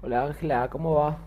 Hola Ángela, ¿cómo va?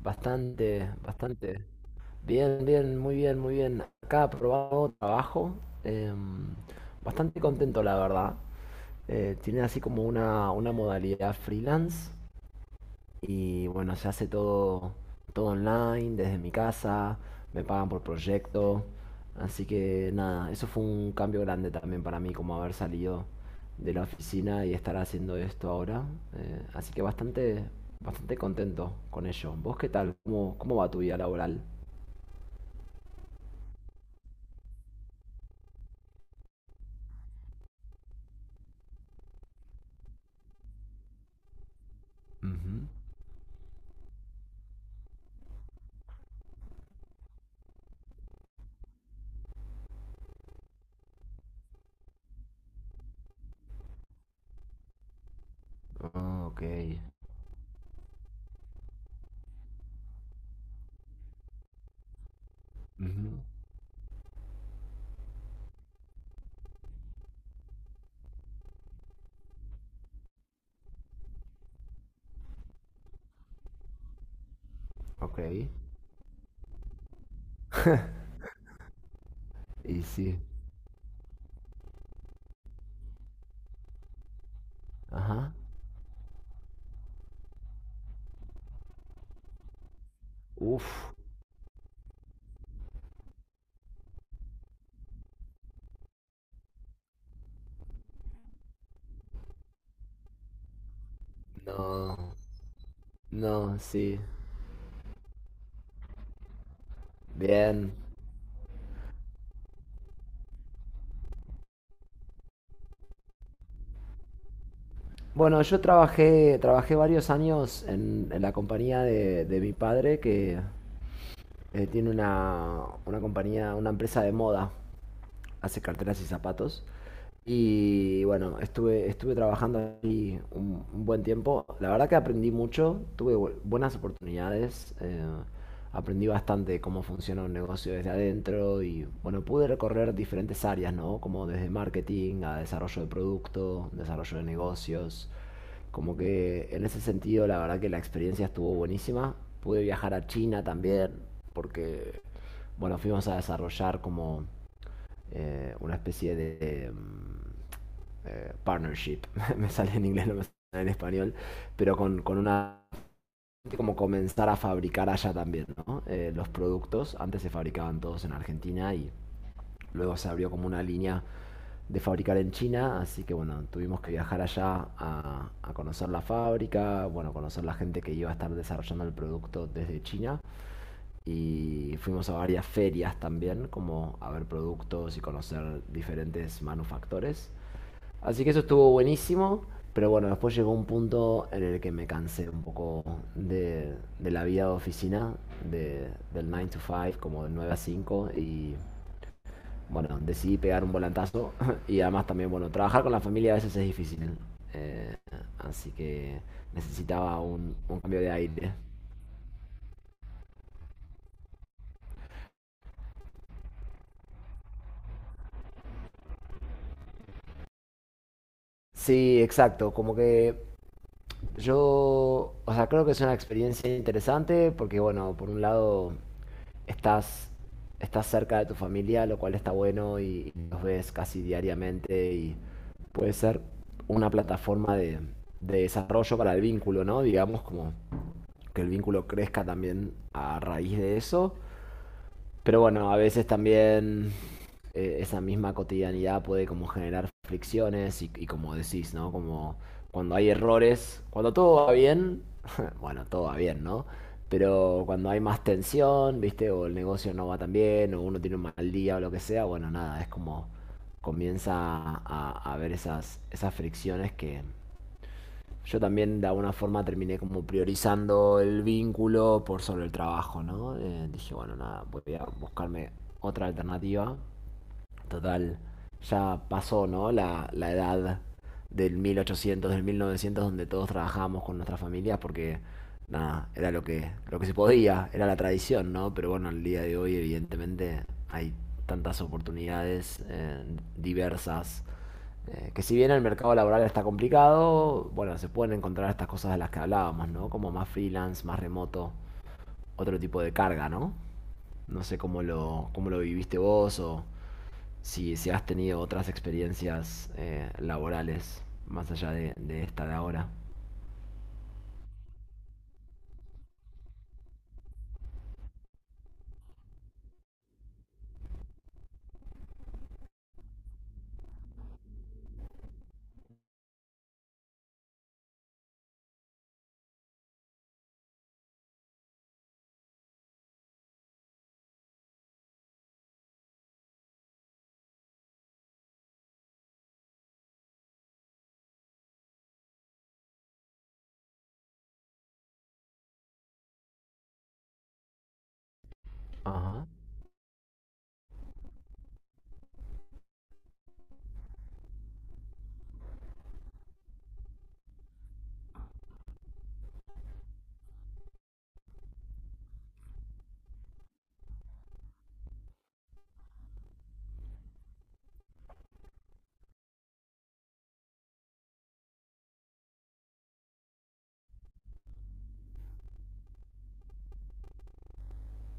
Bastante, bastante. Bien, bien, muy bien, muy bien. Acá probando trabajo. em, Bastante contento, la verdad. Tiene así como una modalidad freelance. Y bueno, se hace todo online, desde mi casa, me pagan por proyecto. Así que nada, eso fue un cambio grande también para mí, como haber salido de la oficina y estar haciendo esto ahora. Así que bastante, bastante contento con ello. ¿Vos qué tal? ¿Cómo va tu vida laboral? Ujú. Ah, ok. Ujú. Ok. Y sí. Ajá. Uf. No. No, sí. Bien. Bueno, yo trabajé varios años en la compañía de mi padre que tiene una compañía, una empresa de moda, hace carteras y zapatos. Y bueno, estuve trabajando ahí un buen tiempo. La verdad que aprendí mucho, tuve buenas oportunidades. Aprendí bastante cómo funciona un negocio desde adentro y bueno, pude recorrer diferentes áreas, ¿no? Como desde marketing a desarrollo de producto, desarrollo de negocios. Como que en ese sentido, la verdad que la experiencia estuvo buenísima. Pude viajar a China también, porque, bueno, fuimos a desarrollar como una especie de partnership, me sale en inglés, no me sale en español, pero con una, como comenzar a fabricar allá también, ¿no? Los productos antes se fabricaban todos en Argentina, y luego se abrió como una línea de fabricar en China, así que bueno, tuvimos que viajar allá a conocer la fábrica, bueno, conocer la gente que iba a estar desarrollando el producto desde China. Y fuimos a varias ferias también, como a ver productos y conocer diferentes manufactores. Así que eso estuvo buenísimo, pero bueno, después llegó un punto en el que me cansé un poco de la vida de oficina, de, del 9 to 5, como del 9 a cinco, y bueno, decidí pegar un volantazo y además también, bueno, trabajar con la familia a veces es difícil. eh, Así que necesitaba un cambio de aire. Sí, exacto, como que yo, o sea, creo que es una experiencia interesante porque, bueno, por un lado estás, estás cerca de tu familia, lo cual está bueno, y los ves casi diariamente y puede ser una plataforma de desarrollo para el vínculo, ¿no? Digamos, como que el vínculo crezca también a raíz de eso. Pero bueno, a veces también esa misma cotidianidad puede como generar fricciones y como decís, ¿no? Como cuando hay errores, cuando todo va bien, bueno, todo va bien, ¿no? Pero cuando hay más tensión, ¿viste? O el negocio no va tan bien, o uno tiene un mal día o lo que sea, bueno, nada, es como, comienza a ver esas, fricciones que, yo también de alguna forma terminé como priorizando el vínculo por sobre el trabajo, ¿no? Dije, bueno, nada, voy a buscarme otra alternativa. Total, ya pasó, ¿no? La edad del 1800, del 1900, donde todos trabajábamos con nuestras familias porque, nada, era lo que se podía, era la tradición, ¿no? Pero bueno, el día de hoy, evidentemente, hay tantas oportunidades diversas. Que si bien el mercado laboral está complicado, bueno, se pueden encontrar estas cosas de las que hablábamos, ¿no? Como más freelance, más remoto, otro tipo de carga, ¿no? No sé cómo lo viviste vos, o si has tenido otras experiencias laborales más allá de esta de ahora. Ajá.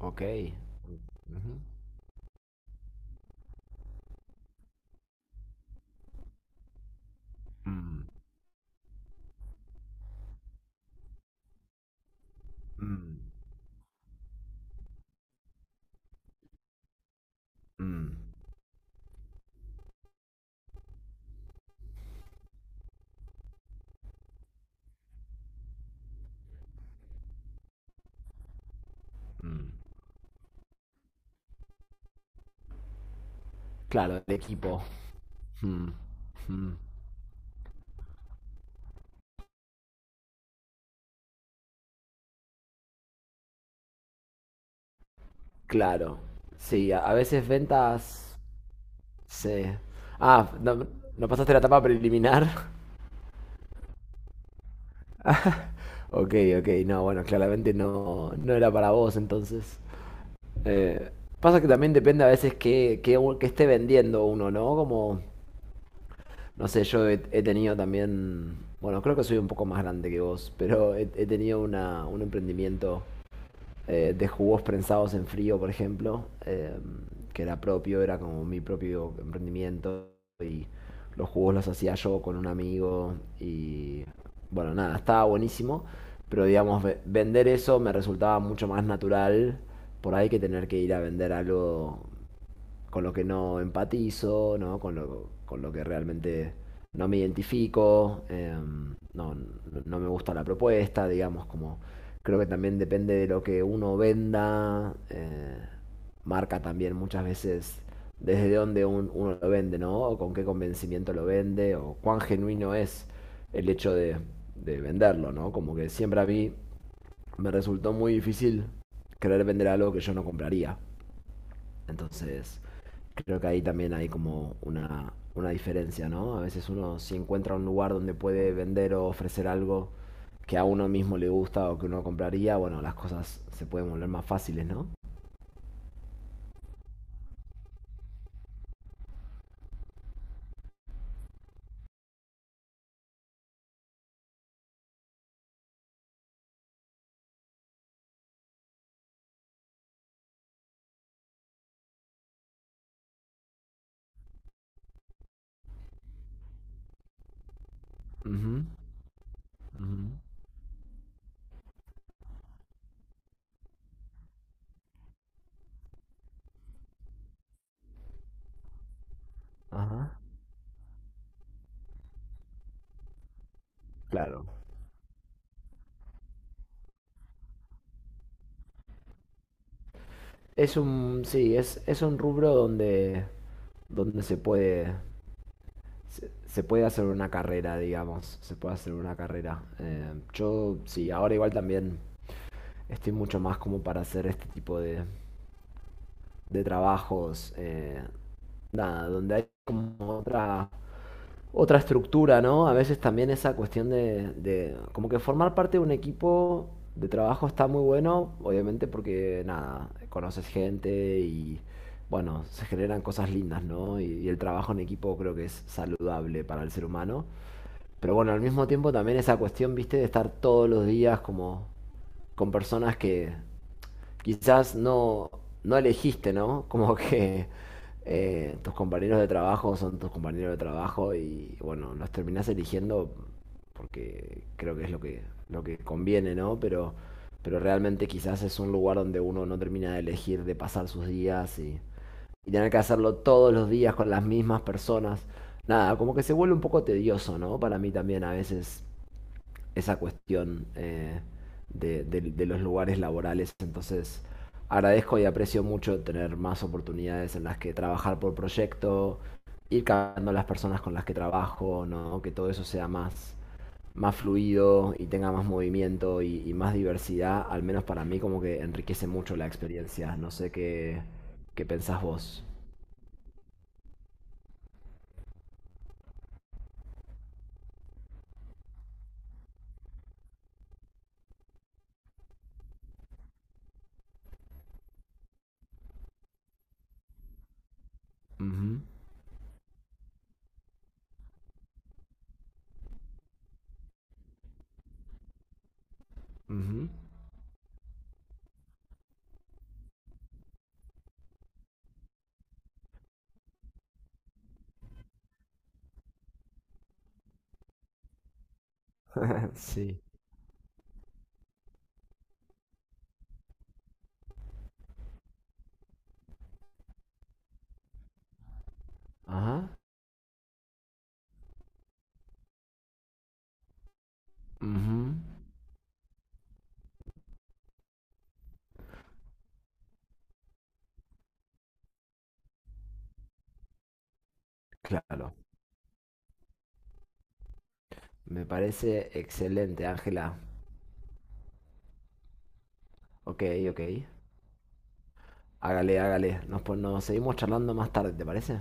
Ok. Ujú. Mm, mm, mm. Claro, el equipo. Mm, mm. Claro. Sí, a veces ventas... Sí. Ah, no, no pasaste la etapa preliminar. Ok, ok, no, bueno, claramente no, no era para vos entonces. Eh, Pasa que también depende a veces esté vendiendo uno, ¿no? Como, no sé, yo he tenido también, bueno, creo que soy un poco más grande que vos, pero he tenido un emprendimiento de jugos prensados en frío, por ejemplo, que era propio, era como mi propio emprendimiento, y los jugos los hacía yo con un amigo, y bueno, nada, estaba buenísimo, pero digamos, vender eso me resultaba mucho más natural por ahí que tener que ir a vender algo con lo que no empatizo, ¿no? Con lo que realmente no me identifico. No, no me gusta la propuesta, digamos, como, creo que también depende de lo que uno venda. Marca también muchas veces desde dónde uno lo vende, ¿no? O con qué convencimiento lo vende, o cuán genuino es el hecho de venderlo, ¿no? Como que siempre a mí me resultó muy difícil querer vender algo que yo no compraría. Entonces, creo que ahí también hay como una diferencia, ¿no? A veces, uno, si encuentra un lugar donde puede vender o ofrecer algo que a uno mismo le gusta o que uno compraría, bueno, las cosas se pueden volver más fáciles, ¿no? Ujú, ujú. Ajá, claro. Es un, sí, es un rubro donde, donde se puede, se puede hacer una carrera, digamos, se puede hacer una carrera. Yo, sí, ahora igual también estoy mucho más como para hacer este tipo de trabajos. Nada, donde hay como otra estructura, ¿no? A veces también esa cuestión de como que formar parte de un equipo de trabajo está muy bueno, obviamente, porque, nada, conoces gente y, bueno, se generan cosas lindas, ¿no? Y el trabajo en equipo creo que es saludable para el ser humano. Pero bueno, al mismo tiempo también esa cuestión, viste, de estar todos los días como con personas que quizás no elegiste, ¿no? Como que tus compañeros de trabajo son tus compañeros de trabajo y bueno, los terminás eligiendo porque creo que es lo que conviene, ¿no? Pero realmente quizás es un lugar donde uno no termina de elegir, de pasar sus días y tener que hacerlo todos los días con las mismas personas. Nada, como que se vuelve un poco tedioso, ¿no? Para mí también a veces esa cuestión de los lugares laborales. Entonces, agradezco y aprecio mucho tener más oportunidades en las que trabajar por proyecto, ir cambiando las personas con las que trabajo, ¿no? Que todo eso sea más fluido y tenga más movimiento y más diversidad, al menos para mí como que enriquece mucho la experiencia. No sé qué pensás vos. Ujú, ujú. Sí. Ajá. Ujú. Claro. Me parece excelente, Ángela. Ok, ok. Hágale, hágale. Nos seguimos charlando más tarde, ¿te parece?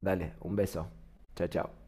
Dale, un beso. Chao, chao.